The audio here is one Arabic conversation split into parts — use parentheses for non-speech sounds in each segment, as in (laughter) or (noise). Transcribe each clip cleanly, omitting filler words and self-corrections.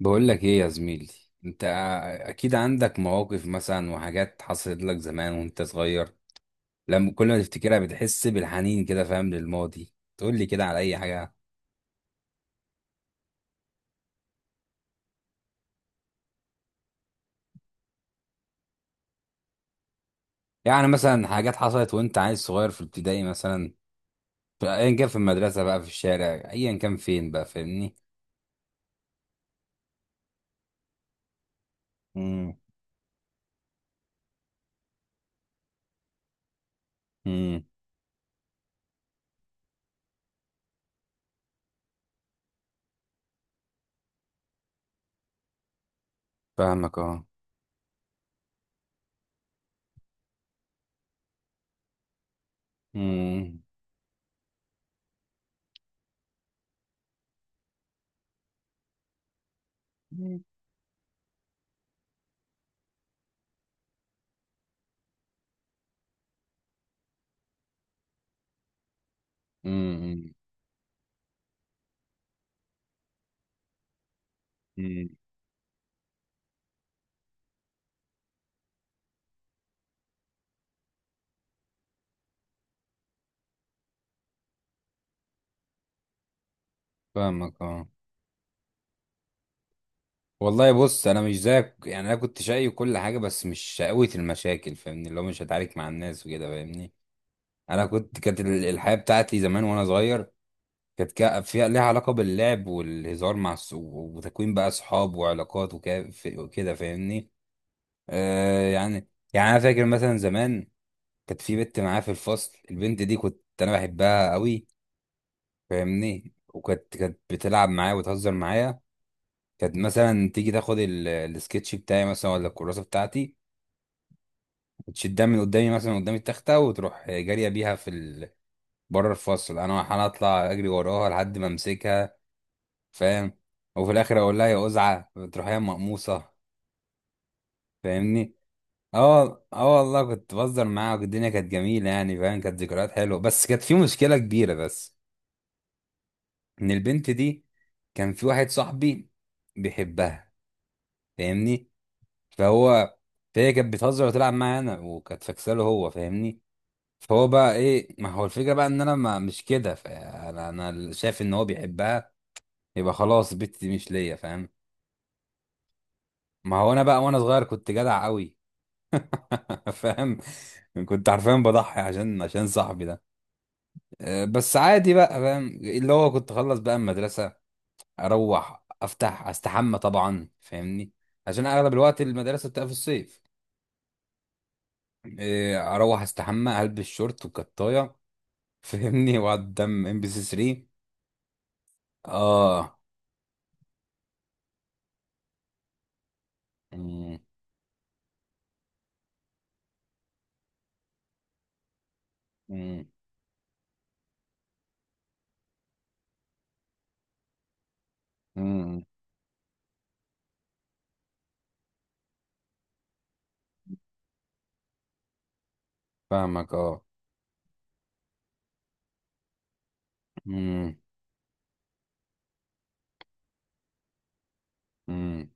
بقول لك ايه يا زميلي؟ انت اكيد عندك مواقف مثلا، وحاجات حصلت لك زمان وانت صغير، لما كل ما تفتكرها بتحس بالحنين كده، فاهم؟ للماضي. تقول لي كده على اي حاجه؟ يعني مثلا حاجات حصلت وانت عيل صغير في ابتدائي مثلا، في ايا كان، في المدرسه بقى، في الشارع، ايا كان فين بقى، فاهمني؟ امم. امم. فاهمك، اه. امم. امم. أمم. فاهمك، اه. والله بص، انا مش زيك، يعني انا كنت شقي وكل حاجه، بس مش شقاوة المشاكل، فاهمني؟ اللي هو مش هتعارك مع الناس وكده، فاهمني؟ انا كنت كانت الحياه بتاعتي زمان وانا صغير، كانت فيها ليها علاقه باللعب والهزار مع وتكوين بقى اصحاب وعلاقات وكده، فاهمني؟ يعني، يعني انا فاكر مثلا زمان، كانت في بنت معايا في الفصل، البنت دي كنت انا بحبها قوي، فاهمني؟ وكانت بتلعب معايا وتهزر معايا. كانت مثلا تيجي تاخد السكتش بتاعي مثلا ولا الكراسه بتاعتي، وتشدها من قدامي مثلا قدام التختة، وتروح جارية بيها بره الفصل. انا اطلع اجري وراها لحد ما امسكها، فاهم؟ وفي الاخر اقول لها يا قزعة، تروح هي مقموصة، فاهمني؟ اه، اه، والله كنت بهزر معاها، والدنيا كانت جميلة، يعني فاهم؟ كانت ذكريات حلوة، بس كانت في مشكلة كبيرة بس. ان البنت دي كان في واحد صاحبي بيحبها، فاهمني؟ فهو فهي كانت بتهزر وتلعب معايا انا، وكانت فاكساله هو، فاهمني؟ فهو بقى ايه، ما هو الفكره بقى ان انا ما مش كده، فانا انا شايف ان هو بيحبها، يبقى خلاص البت دي مش ليا، فاهم؟ ما هو انا بقى وانا صغير كنت جدع قوي. (laughs) فاهم؟ كنت حرفيا بضحي عشان صاحبي ده. بس عادي بقى، فاهم؟ اللي هو كنت اخلص بقى المدرسه، اروح افتح استحمى طبعا، فاهمني؟ عشان اغلب الوقت المدرسه بتبقى في الصيف. اروح استحمى، البس شورت وكطايه، فاهمني؟ واقعد قدام ام بي سي 3. اه. مم. مم. فاهمك، اه. مم. مم.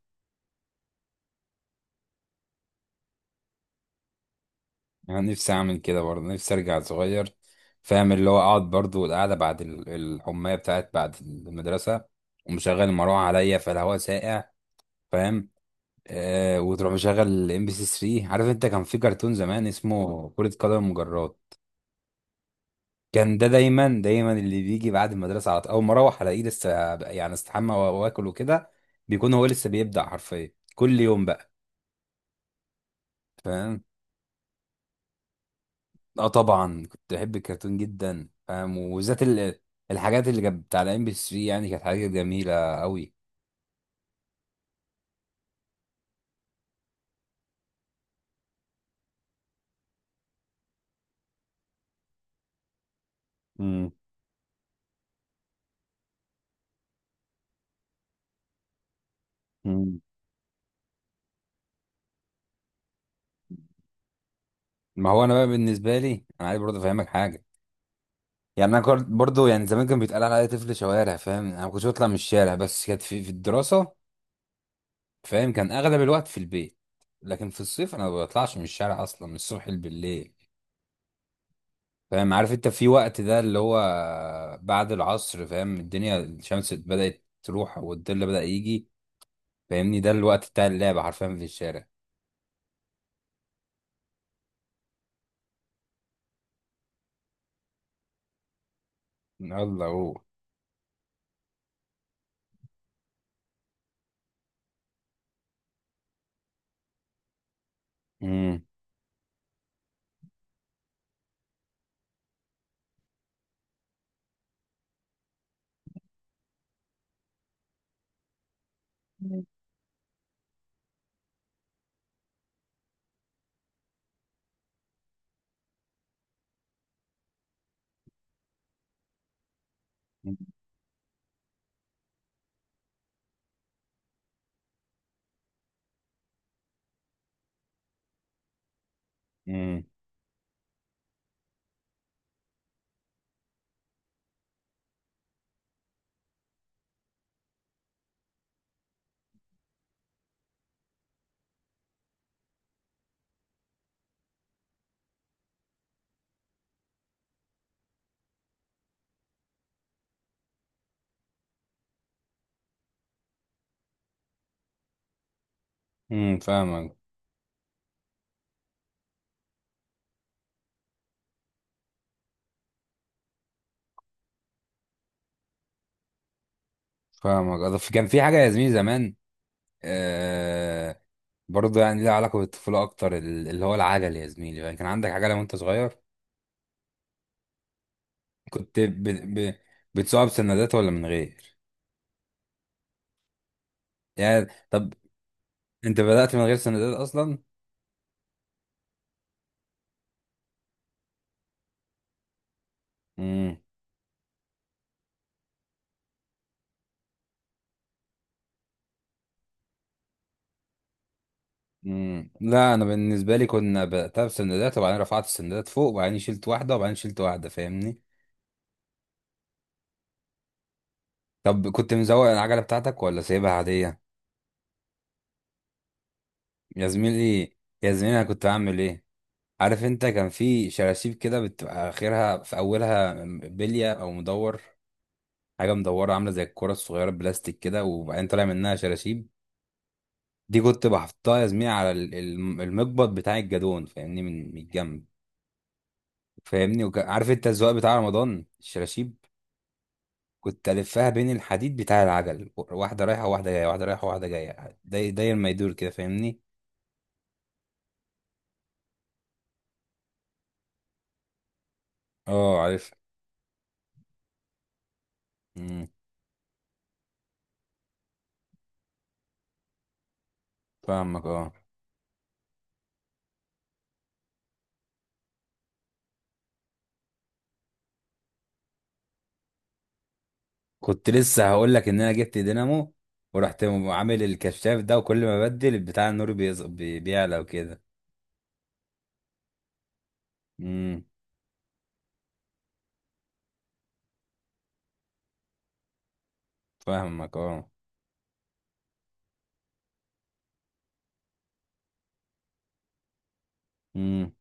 انا نفسي اعمل كده برضه، نفسي ارجع صغير، فاهم؟ اللي هو اقعد برضه، والقعده بعد الحمايه بتاعت بعد المدرسه، ومشغل المروحه عليا، فالهواء ساقع، فاهم؟ وتروح مشغل الام بي سي 3. عارف انت كان في كرتون زمان اسمه كرة قدم المجرات؟ كان ده دايما دايما اللي بيجي بعد المدرسه على طول، اول ما اروح الاقيه لسه، يعني استحمى واكل وكده، بيكون هو لسه بيبدأ حرفيا كل يوم بقى. فاهم؟ اه طبعا كنت بحب الكرتون جدا، فاهم؟ وبالذات الحاجات اللي كانت بتاع الام بي 3، يعني كانت حاجات جميله قوي. امم. امم. ما هو انا بقى بالنسبه لي، انا عايز برضه افهمك حاجه. يعني انا كنت برضه، يعني زمان كان بيتقال عليا طفل شوارع، فاهم؟ انا ما كنتش بطلع من الشارع، بس كانت في الدراسه، فاهم؟ كان اغلب الوقت في البيت، لكن في الصيف انا ما بطلعش من الشارع اصلا، من الصبح بالليل، فاهم؟ عارف انت في وقت ده اللي هو بعد العصر، فاهم؟ الدنيا الشمس بدأت تروح والظل بدأ يجي، فاهمني؟ ده الوقت بتاع اللعب حرفيا في الشارع. يلا هو. امم. امم. امم. فاهمك. فاهمك. كان في حاجه يا زميلي زمان، آه برضه يعني ليها علاقه بالطفوله اكتر، اللي هو العجل يا زميلي، يعني كان عندك عجله وانت صغير؟ كنت ب... بتسوقها بسندات ولا من غير؟ يعني طب انت بدأت من غير سندات اصلا؟ امم. امم. لا انا بالنسبه لي كنا بدأتها بسندات، وبعدين رفعت السندات فوق، وبعدين شلت واحده، وبعدين شلت واحده، فاهمني؟ طب كنت مزوق العجلة بتاعتك ولا سايبها عادية؟ يا زميلي، يا زميلي، انا كنت بعمل ايه؟ عارف انت كان في شراشيب كده بتبقى اخرها في اولها بلية او مدور؟ حاجة مدورة عاملة زي الكرة الصغيرة بلاستيك كده، وبعدين طالع منها شراشيب. دي كنت بحطها يا زميلي على المقبض بتاع الجدون، فاهمني؟ من الجنب، فاهمني؟ عارف انت الزواق بتاع رمضان، الشراشيب؟ كنت الفها بين الحديد بتاع العجل، واحدة رايحة وواحدة جاية، واحدة رايحة وواحدة جاية، داير داير ما يدور كده، فاهمني؟ اه، عارف. مم. فاهمك، اه. كنت لسه هقول لك ان انا جبت دينامو، ورحت عامل الكشاف ده، وكل ما بدل البتاع النور بيعلى وكده. امم. فاهمك، اه. امم.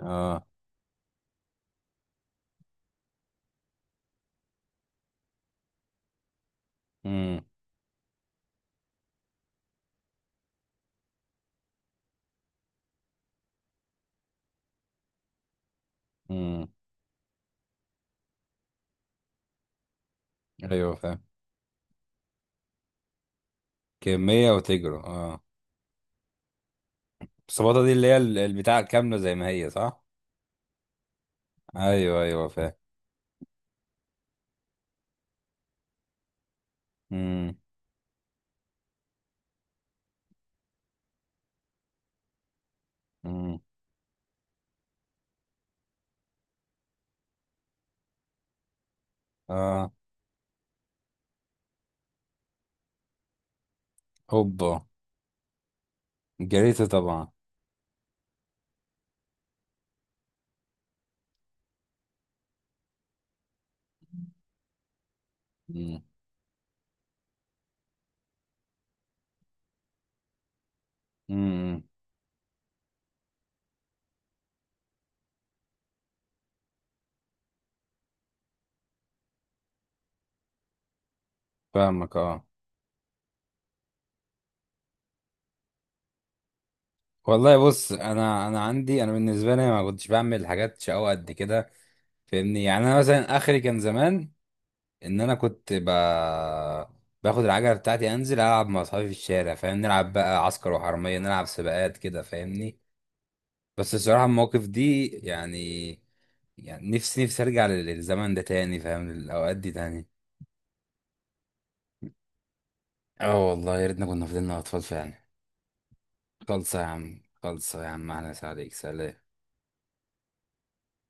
اه. امم. امم. ايوه فاهم. كمية وتجري، اه. الصباطة دي اللي هي البتاع كاملة زي ما هي، صح؟ ايوه، ايوه، فاهم. امم. امم. اه. هوبا. جريت طبعا. امم. امم. فاهمك، اه. والله بص، انا بالنسبه لي ما كنتش بعمل حاجات شقاوة قد كده، فاهمني؟ يعني انا مثلا اخري كان زمان ان انا كنت باخد العجله بتاعتي، انزل العب مع اصحابي في الشارع، فاهم؟ نلعب بقى عسكر وحراميه، نلعب سباقات كده، فاهمني؟ بس الصراحه المواقف دي يعني نفسي، نفسي ارجع للزمن ده تاني، فاهم؟ الاوقات دي تاني. اه والله يا ريتنا كنا فضلنا اطفال فعلا. خلصه يا عم، خلصه يا عم، احلى مسا عليك، سلام.